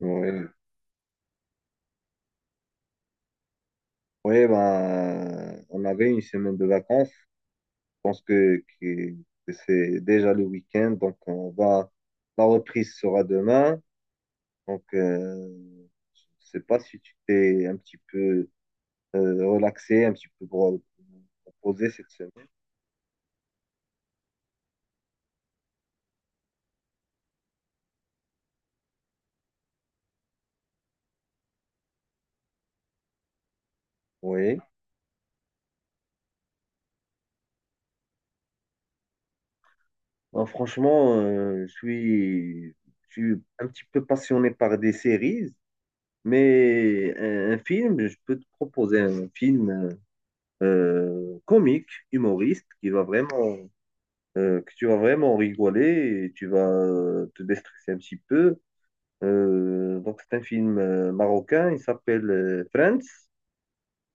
Oui, oui ben, on avait une semaine de vacances. Je pense que c'est déjà le week-end, donc on va, la reprise sera demain. Donc, je sais pas si tu t'es un petit peu relaxé, un petit peu reposé cette semaine. Oui. Ben, franchement, je suis un petit peu passionné par des séries, mais un film, je peux te proposer un film comique, humoriste, qui va vraiment que tu vas vraiment rigoler et tu vas te déstresser un petit peu. Donc, c'est un film marocain, il s'appelle Friends.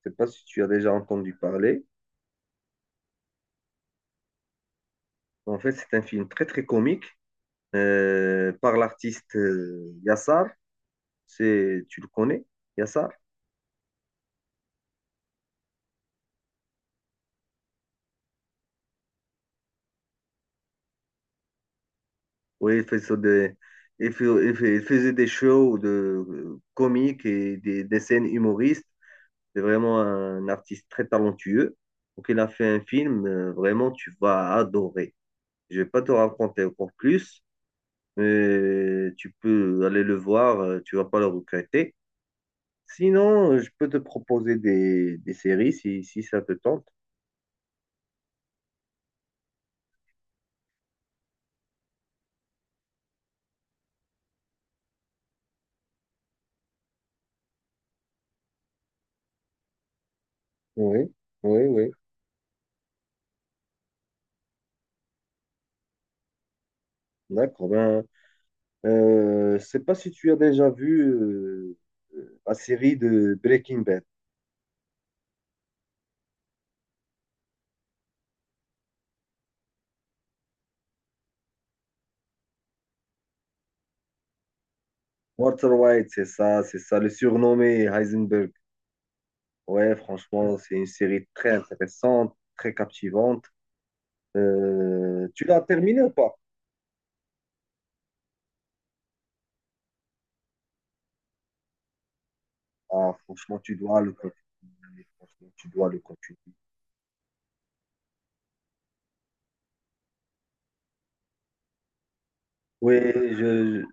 Je sais pas si tu as déjà entendu parler. En fait, c'est un film très, très comique par l'artiste Yassar. C'est, tu le connais, Yassar? Oui, il fait ça des, il faisait des shows de comiques et des scènes humoristes. C'est vraiment un artiste très talentueux. Donc, il a fait un film, vraiment, tu vas adorer. Je vais pas te raconter encore plus, mais tu peux aller le voir, tu vas pas le regretter. Sinon, je peux te proposer des séries si, si ça te tente. Oui, oui, oui. D'accord. Je sais pas si tu as déjà vu la série de Breaking Bad. Walter White, c'est ça, le surnommé Heisenberg. Ouais, franchement, c'est une série très intéressante, très captivante. Tu l'as terminé ou pas? Ah, franchement, tu dois le continuer. Franchement, tu dois le continuer. Oui, je, je-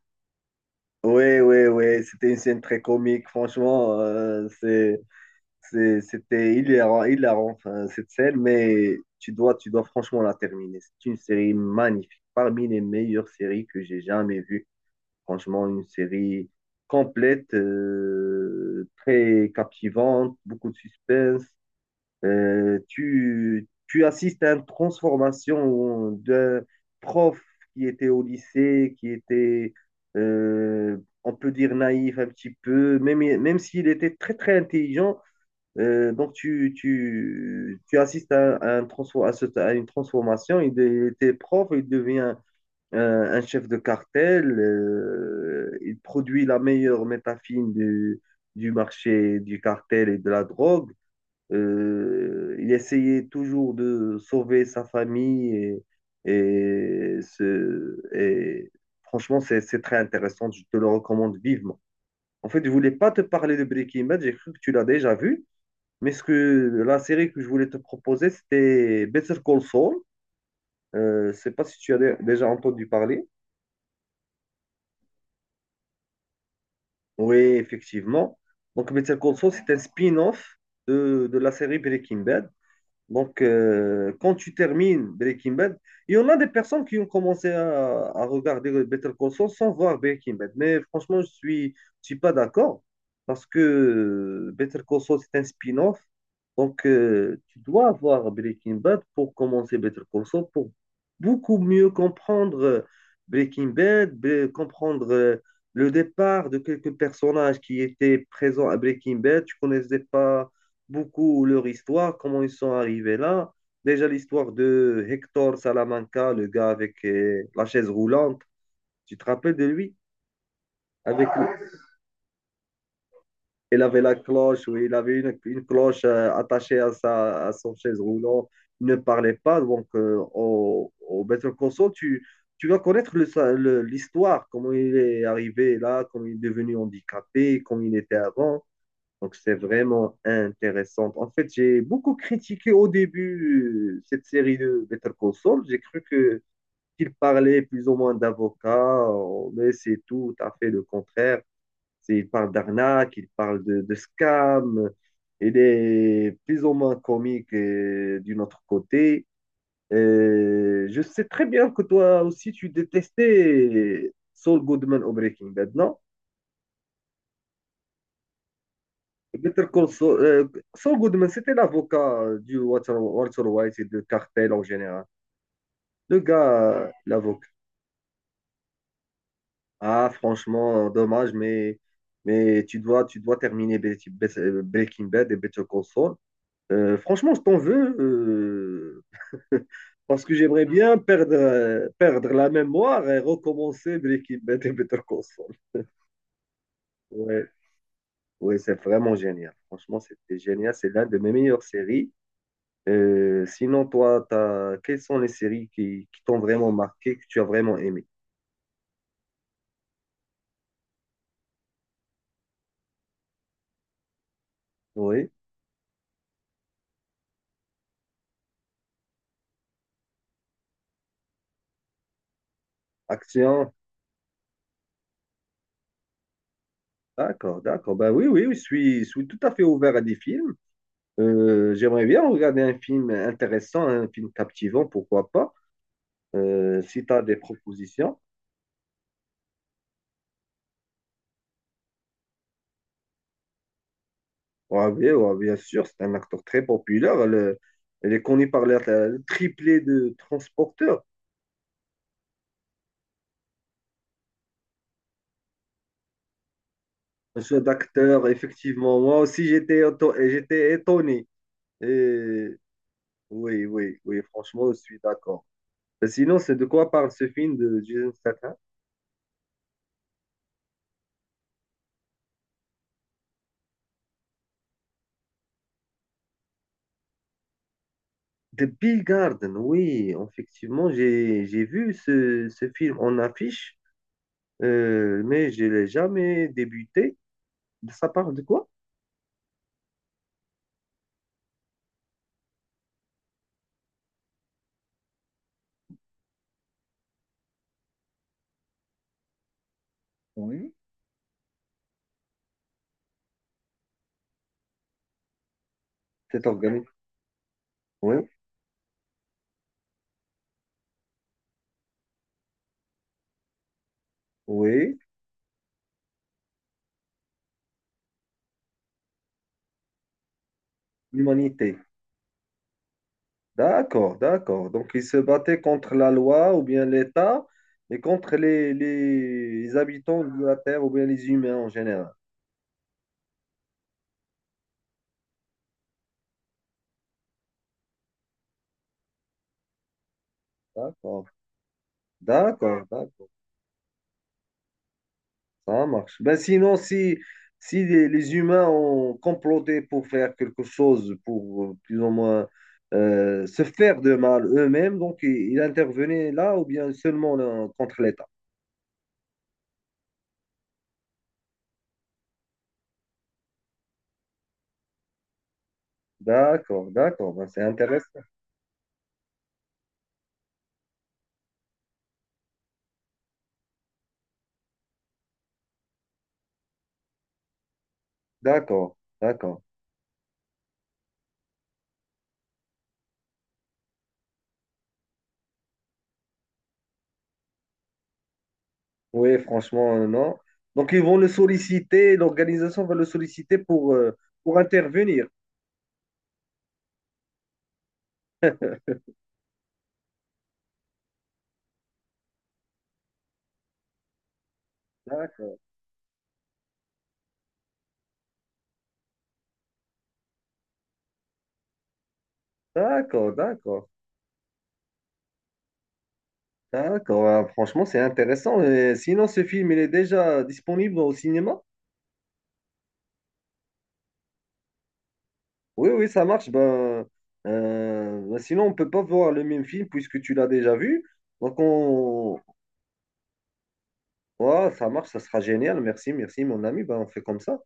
oui, oui, oui, c'était une scène très comique. Franchement, C'est- C'était hilarant, hilarant, enfin, cette scène, mais tu dois franchement la terminer. C'est une série magnifique, parmi les meilleures séries que j'ai jamais vues. Franchement, une série complète, très captivante, beaucoup de suspense. Tu assistes à une transformation d'un prof qui était au lycée, euh, on peut dire, naïf un petit peu, même, même s'il était très, très intelligent. Donc, tu assistes à un transfo- à ce- à une transformation. Il était prof, il devient un chef de cartel. Euh, il produit la meilleure métafine du marché du cartel et de la drogue. Il essayait toujours de sauver sa famille. Et franchement, c'est très intéressant. Je te le recommande vivement. En fait, je voulais pas te parler de Breaking Bad. J'ai cru que tu l'as déjà vu. Mais ce que la série que je voulais te proposer, c'était Better Call Saul. Je ne sais pas si tu as déjà entendu parler. Oui, effectivement. Donc, Better Call Saul, c'est un spin-off de la série Breaking Bad. Donc, quand tu termines Breaking Bad, il y en a des personnes qui ont commencé à regarder Better Call Saul sans voir Breaking Bad. Mais franchement, je suis pas d'accord parce que Better Call Saul, c'est un spin-off. Donc, tu dois avoir Breaking Bad pour commencer Better Call Saul, pour beaucoup mieux comprendre Breaking Bad, comprendre le départ de quelques personnages qui étaient présents à Breaking Bad. Tu connaissais pas beaucoup leur histoire, comment ils sont arrivés là. Déjà l'histoire de Hector Salamanca, le gars avec la chaise roulante, tu te rappelles de lui? Avec, il avait la cloche, oui il avait une cloche attachée à, sa, à son chaise roulante, il ne parlait pas. Donc au Better Call Saul, tu vas connaître l'histoire, comment il est arrivé là, comment il est devenu handicapé, comment il était avant. Donc, c'est vraiment intéressant. En fait, j'ai beaucoup critiqué au début cette série de Better Call Saul. J'ai cru que qu'il parlait plus ou moins d'avocats, mais c'est tout à fait le contraire. C'est- Il parle d'arnaque, il parle de scam. Il est plus ou moins comique d'un autre côté. Je sais très bien que toi aussi, tu détestais Saul Goodman au Breaking Bad, non? Better Call Saul, Saul Goodman, c'était l'avocat du Walter, Walter White et de cartel en général. Le gars, l'avocat. Ah, franchement, dommage, mais, tu dois terminer Breaking Bad et Better Call Saul. Franchement, je t'en veux, euh, parce que j'aimerais bien perdre la mémoire et recommencer Breaking Bad et Better Call Saul. Ouais, ouais, c'est vraiment génial. Franchement, c'était génial. C'est l'un de mes meilleures séries. Sinon, toi, t'as... quelles sont les séries qui t'ont vraiment marqué, que tu as vraiment aimé? Oui, action. D'accord, d'accord. Ben oui, oui, oui, je suis tout à fait ouvert à des films. J'aimerais bien regarder un film intéressant, un film captivant, pourquoi pas. Si tu as des propositions. Ouais, bien sûr, c'est un acteur très populaire. Elle est connue par le triplé de transporteur. Un jeu d'acteur, effectivement. Moi aussi, j'étais étonné. Oui, oui, oui, franchement, je suis d'accord. Sinon, c'est de quoi parle ce film de Jason Statham? The Bill Garden, oui, effectivement, j'ai vu ce film en affiche, mais je l'ai jamais débuté. Ça parle de quoi? Oui, cet organisme. Oui, oui, l'humanité. D'accord, d'accord. Donc, ils se battaient contre la loi ou bien l'État et contre les habitants de la Terre ou bien les humains en général. D'accord, d'accord, d'accord. Ça marche. Ben sinon, si, si les humains ont comploté pour faire quelque chose, pour plus ou moins se faire de mal eux-mêmes, donc il intervenait là ou bien seulement là, contre l'État. D'accord, d'accord, ben, c'est intéressant. D'accord, d'accord. Oui, franchement, non. Donc ils vont le solliciter, l'organisation va le solliciter pour intervenir. D'accord, d'accord, d'accord. D'accord, ah, franchement, c'est intéressant. Sinon, ce film, il est déjà disponible au cinéma? Oui, oui, ça marche. Ben, ben sinon, on peut pas voir le même film puisque tu l'as déjà vu. Donc, on... ouais, ça marche, ça sera génial. Merci, merci, mon ami. Ben, on fait comme ça.